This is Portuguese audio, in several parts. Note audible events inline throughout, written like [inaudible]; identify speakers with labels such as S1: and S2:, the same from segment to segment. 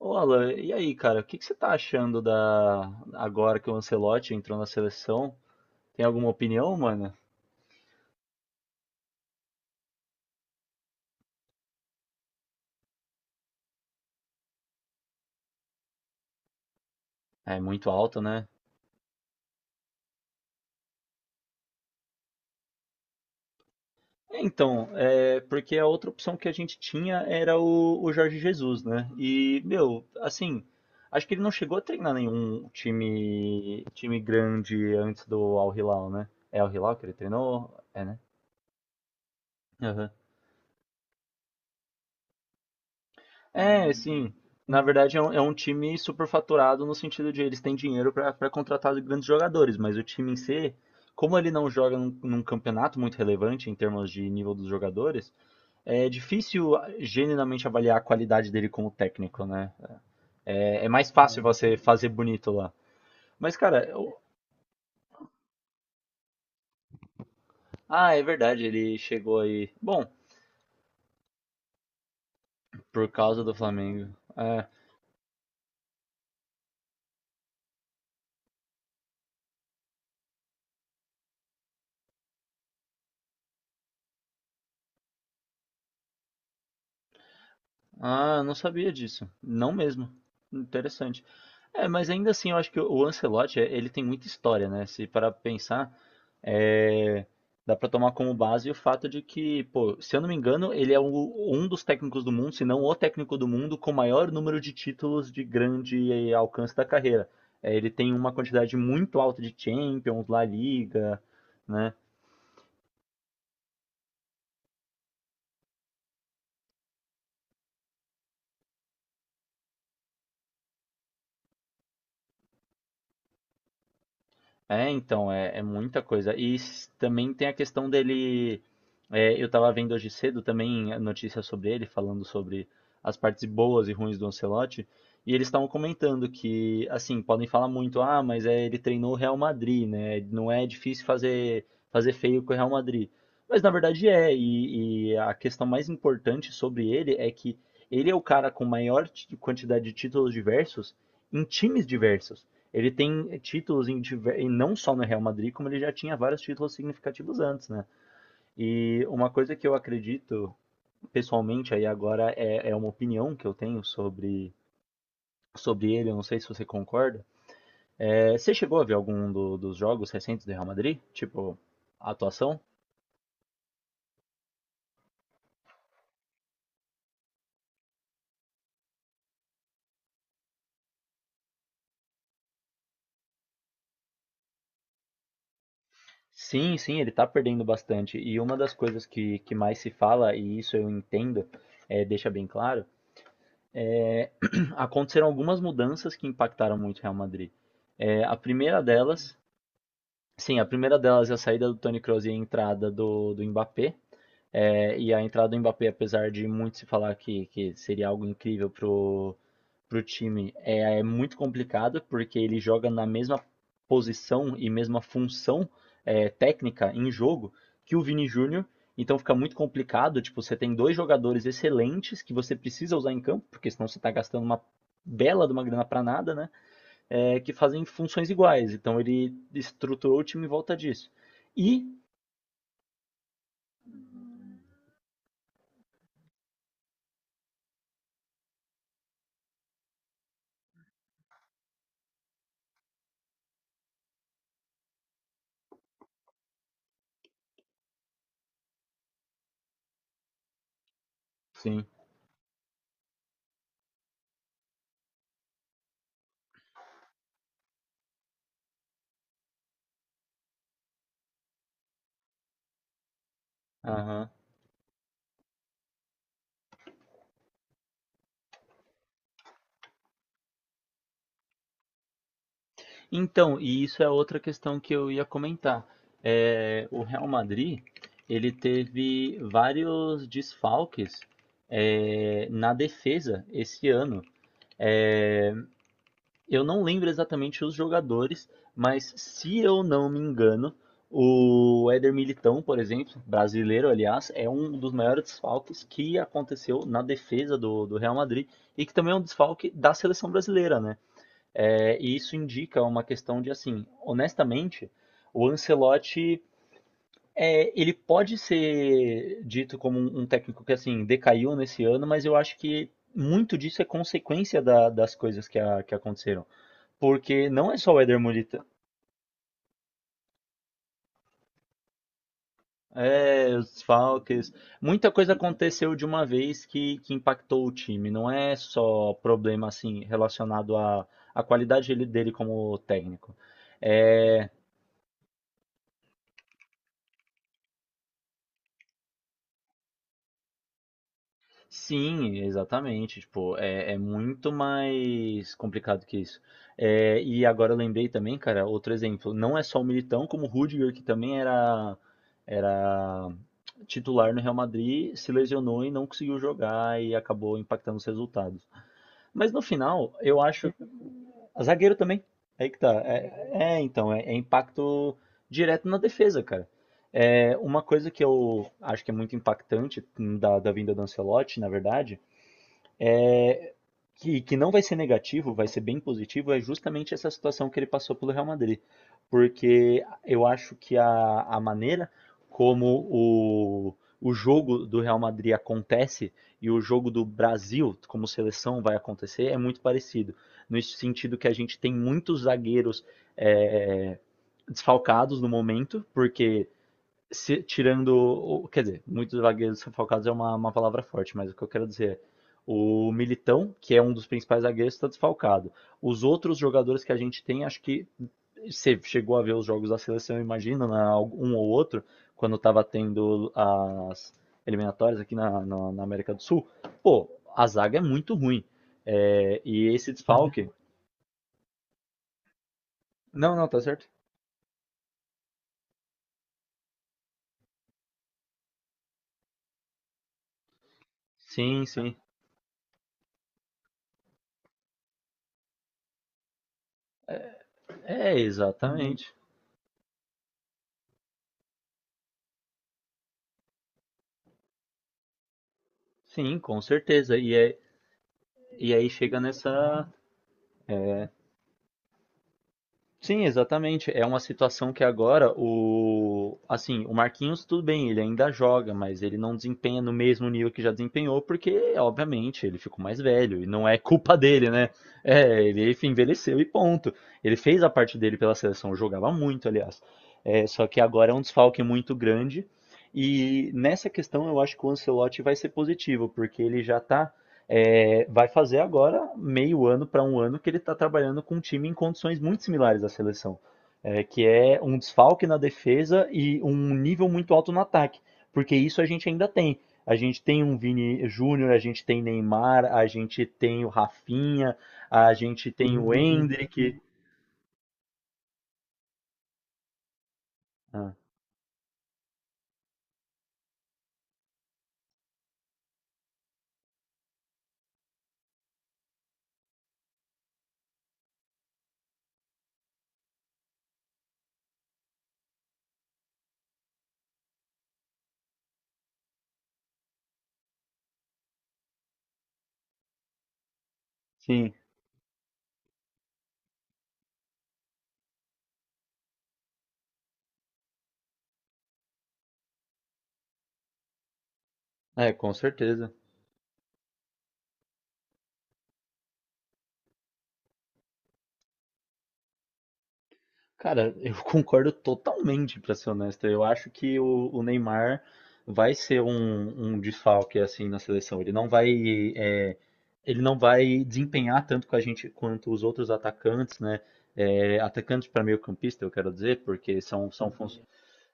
S1: Ô, Alan, e aí, cara, o que que você tá achando da agora que o Ancelotti entrou na seleção? Tem alguma opinião, mano? É muito alto, né? É, então, é porque a outra opção que a gente tinha era o Jorge Jesus, né? E, meu, assim, acho que ele não chegou a treinar nenhum time grande antes do Al Hilal, né? É Al Hilal que ele treinou? É, né? É, sim. Na verdade, é um time superfaturado no sentido de eles têm dinheiro para contratar grandes jogadores, mas o time em si, como ele não joga num campeonato muito relevante em termos de nível dos jogadores, é difícil genuinamente avaliar a qualidade dele como técnico, né? É, é mais fácil você fazer bonito lá. Mas, cara, eu- é verdade, ele chegou aí. Bom, por causa do Flamengo. Ah, não sabia disso. Não mesmo. Interessante. É, mas ainda assim, eu acho que o Ancelotti, ele tem muita história, né? Se parar pra pensar, eh, dá pra tomar como base o fato de que, pô, se eu não me engano, ele é o- um dos técnicos do mundo, se não o técnico do mundo, com maior número de títulos de grande alcance da carreira. Ele tem uma quantidade muito alta de Champions, La Liga, né? É, então, é, é muita coisa. E s- também tem a questão dele. É, eu tava vendo hoje cedo também a notícia sobre ele, falando sobre as partes boas e ruins do Ancelotti. E eles estavam comentando que, assim, podem falar muito, ah, mas é, ele treinou o Real Madrid, né? Não é difícil fazer, fazer feio com o Real Madrid. Mas na verdade é, e a questão mais importante sobre ele é que ele é o cara com maior ti- quantidade de títulos diversos em times diversos. Ele tem títulos em, e não só no Real Madrid, como ele já tinha vários títulos significativos antes, né? E uma coisa que eu acredito, pessoalmente, aí agora é, é uma opinião que eu tenho sobre, sobre ele, eu não sei se você concorda. É, você chegou a ver algum do- dos jogos recentes do Real Madrid? Tipo, a atuação? Sim, sim, ele tá perdendo bastante. E uma das coisas que mais se fala, e isso eu entendo, é, deixa bem claro, [clears throat] aconteceram algumas mudanças que impactaram muito o Real Madrid. É, a primeira delas. Sim, a primeira delas é a saída do Toni Kroos e a entrada do Mbappé. É, e a entrada do Mbappé, apesar de muito se falar que seria algo incrível pro, pro time, é, é muito complicado, porque ele joga na mesma posição e mesma função técnica em jogo que o Vini Júnior. Então fica muito complicado, tipo, você tem dois jogadores excelentes que você precisa usar em campo, porque senão você está gastando uma bela de uma grana para nada, né? É, que fazem funções iguais. Então ele estruturou o time em volta disso. E. Sim. Aham. Então, e isso é outra questão que eu ia comentar. É, o Real Madrid, ele teve vários desfalques, é, na defesa esse ano. É, eu não lembro exatamente os jogadores, mas se eu não me engano, o Éder Militão, por exemplo, brasileiro, aliás, é um dos maiores desfalques que aconteceu na defesa do Real Madrid e que também é um desfalque da seleção brasileira, né? É, e isso indica uma questão de assim, honestamente, o Ancelotti é, ele pode ser dito como um técnico que assim decaiu nesse ano, mas eu acho que muito disso é consequência da- das coisas que, a- que aconteceram. Porque não é só o Éder Militão, é os desfalques. Muita coisa aconteceu de uma vez que impactou o time. Não é só problema assim relacionado à, à qualidade dele, dele como técnico. É, sim, exatamente. Tipo, é, é muito mais complicado que isso. É, e agora eu lembrei também, cara, outro exemplo. Não é só o Militão, como o Rudiger, que também era, era titular no Real Madrid, se lesionou e não conseguiu jogar e acabou impactando os resultados. Mas no final, eu acho. Zagueiro também. Aí que tá. É, é, então, é, é impacto direto na defesa, cara. É, uma coisa que eu acho que é muito impactante da vinda do Ancelotti, na verdade, é, que não vai ser negativo, vai ser bem positivo, é justamente essa situação que ele passou pelo Real Madrid. Porque eu acho que a maneira como o jogo do Real Madrid acontece e o jogo do Brasil como seleção vai acontecer é muito parecido. No sentido que a gente tem muitos zagueiros é, desfalcados no momento, porque se- tirando, o- quer dizer, muitos zagueiros desfalcados é uma palavra forte, mas o que eu quero dizer é, o Militão, que é um dos principais zagueiros, está desfalcado. Os outros jogadores que a gente tem, acho que você chegou a ver os jogos da seleção, imagina, na- um ou outro, quando estava tendo as eliminatórias aqui na, na- na América do Sul, pô, a zaga é muito ruim. É, e esse desfalque. Não, não, tá certo. Sim, sim. É, exatamente. Sim, com certeza. E é, e aí chega nessa. Sim, exatamente. É uma situação que agora o. Assim, o Marquinhos, tudo bem, ele ainda joga, mas ele não desempenha no mesmo nível que já desempenhou, porque, obviamente, ele ficou mais velho. E não é culpa dele, né? É, ele enfim, envelheceu e ponto. Ele fez a parte dele pela seleção, jogava muito, aliás. É, só que agora é um desfalque muito grande. E nessa questão eu acho que o Ancelotti vai ser positivo, porque ele já está. É, vai fazer agora meio ano para um ano que ele está trabalhando com um time em condições muito similares à seleção, é, que é um desfalque na defesa e um nível muito alto no ataque, porque isso a gente ainda tem. A gente tem um Vini Júnior, a gente tem Neymar, a gente tem o Rafinha, a gente tem o Hendrick. Ah, sim, é, com certeza. Cara, eu [laughs] concordo totalmente, pra ser honesto. Eu acho que o Neymar vai ser um, um desfalque assim na seleção. Ele não vai, é, ele não vai desempenhar tanto com a gente quanto os outros atacantes, né? É, atacantes para meio-campista, eu quero dizer, porque são, são, fun-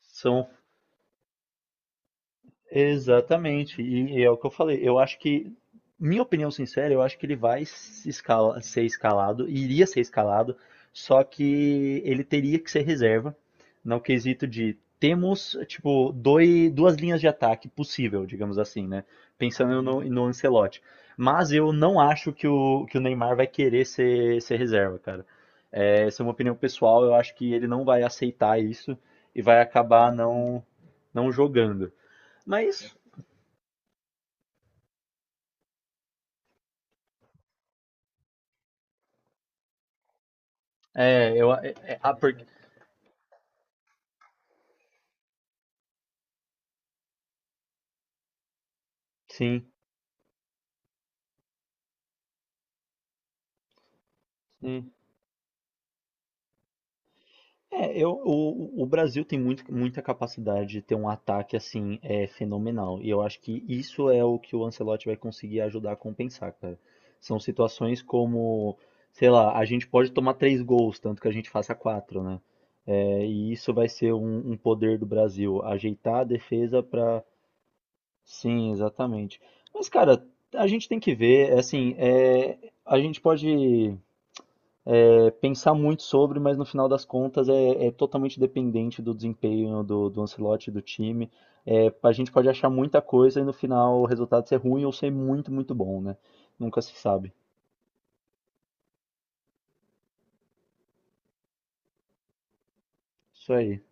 S1: são. Exatamente. E é o que eu falei. Eu acho que, minha opinião sincera, eu acho que ele vai se escala- ser escalado, iria ser escalado, só que ele teria que ser reserva, no quesito de temos, tipo, dois, duas linhas de ataque possível, digamos assim, né? Pensando no Ancelotti. Mas eu não acho que o Neymar vai querer ser, ser reserva, cara. É, essa é uma opinião pessoal, eu acho que ele não vai aceitar isso e vai acabar não, não jogando. Mas é, eu. É, é, ah, porque, sim, sim. É, eu, o Brasil tem muito, muita capacidade de ter um ataque assim é, fenomenal. E eu acho que isso é o que o Ancelotti vai conseguir ajudar a compensar, cara. São situações como, sei lá, a gente pode tomar 3 gols, tanto que a gente faça quatro, né? É, e isso vai ser um poder do Brasil, ajeitar a defesa pra. Sim, exatamente. Mas, cara, a gente tem que ver, é assim, é, a gente pode é, pensar muito sobre, mas no final das contas é, é totalmente dependente do desempenho do Ancelotti e do time. É, a gente pode achar muita coisa e no final o resultado ser ruim ou ser muito, muito bom, né? Nunca se sabe. Isso aí.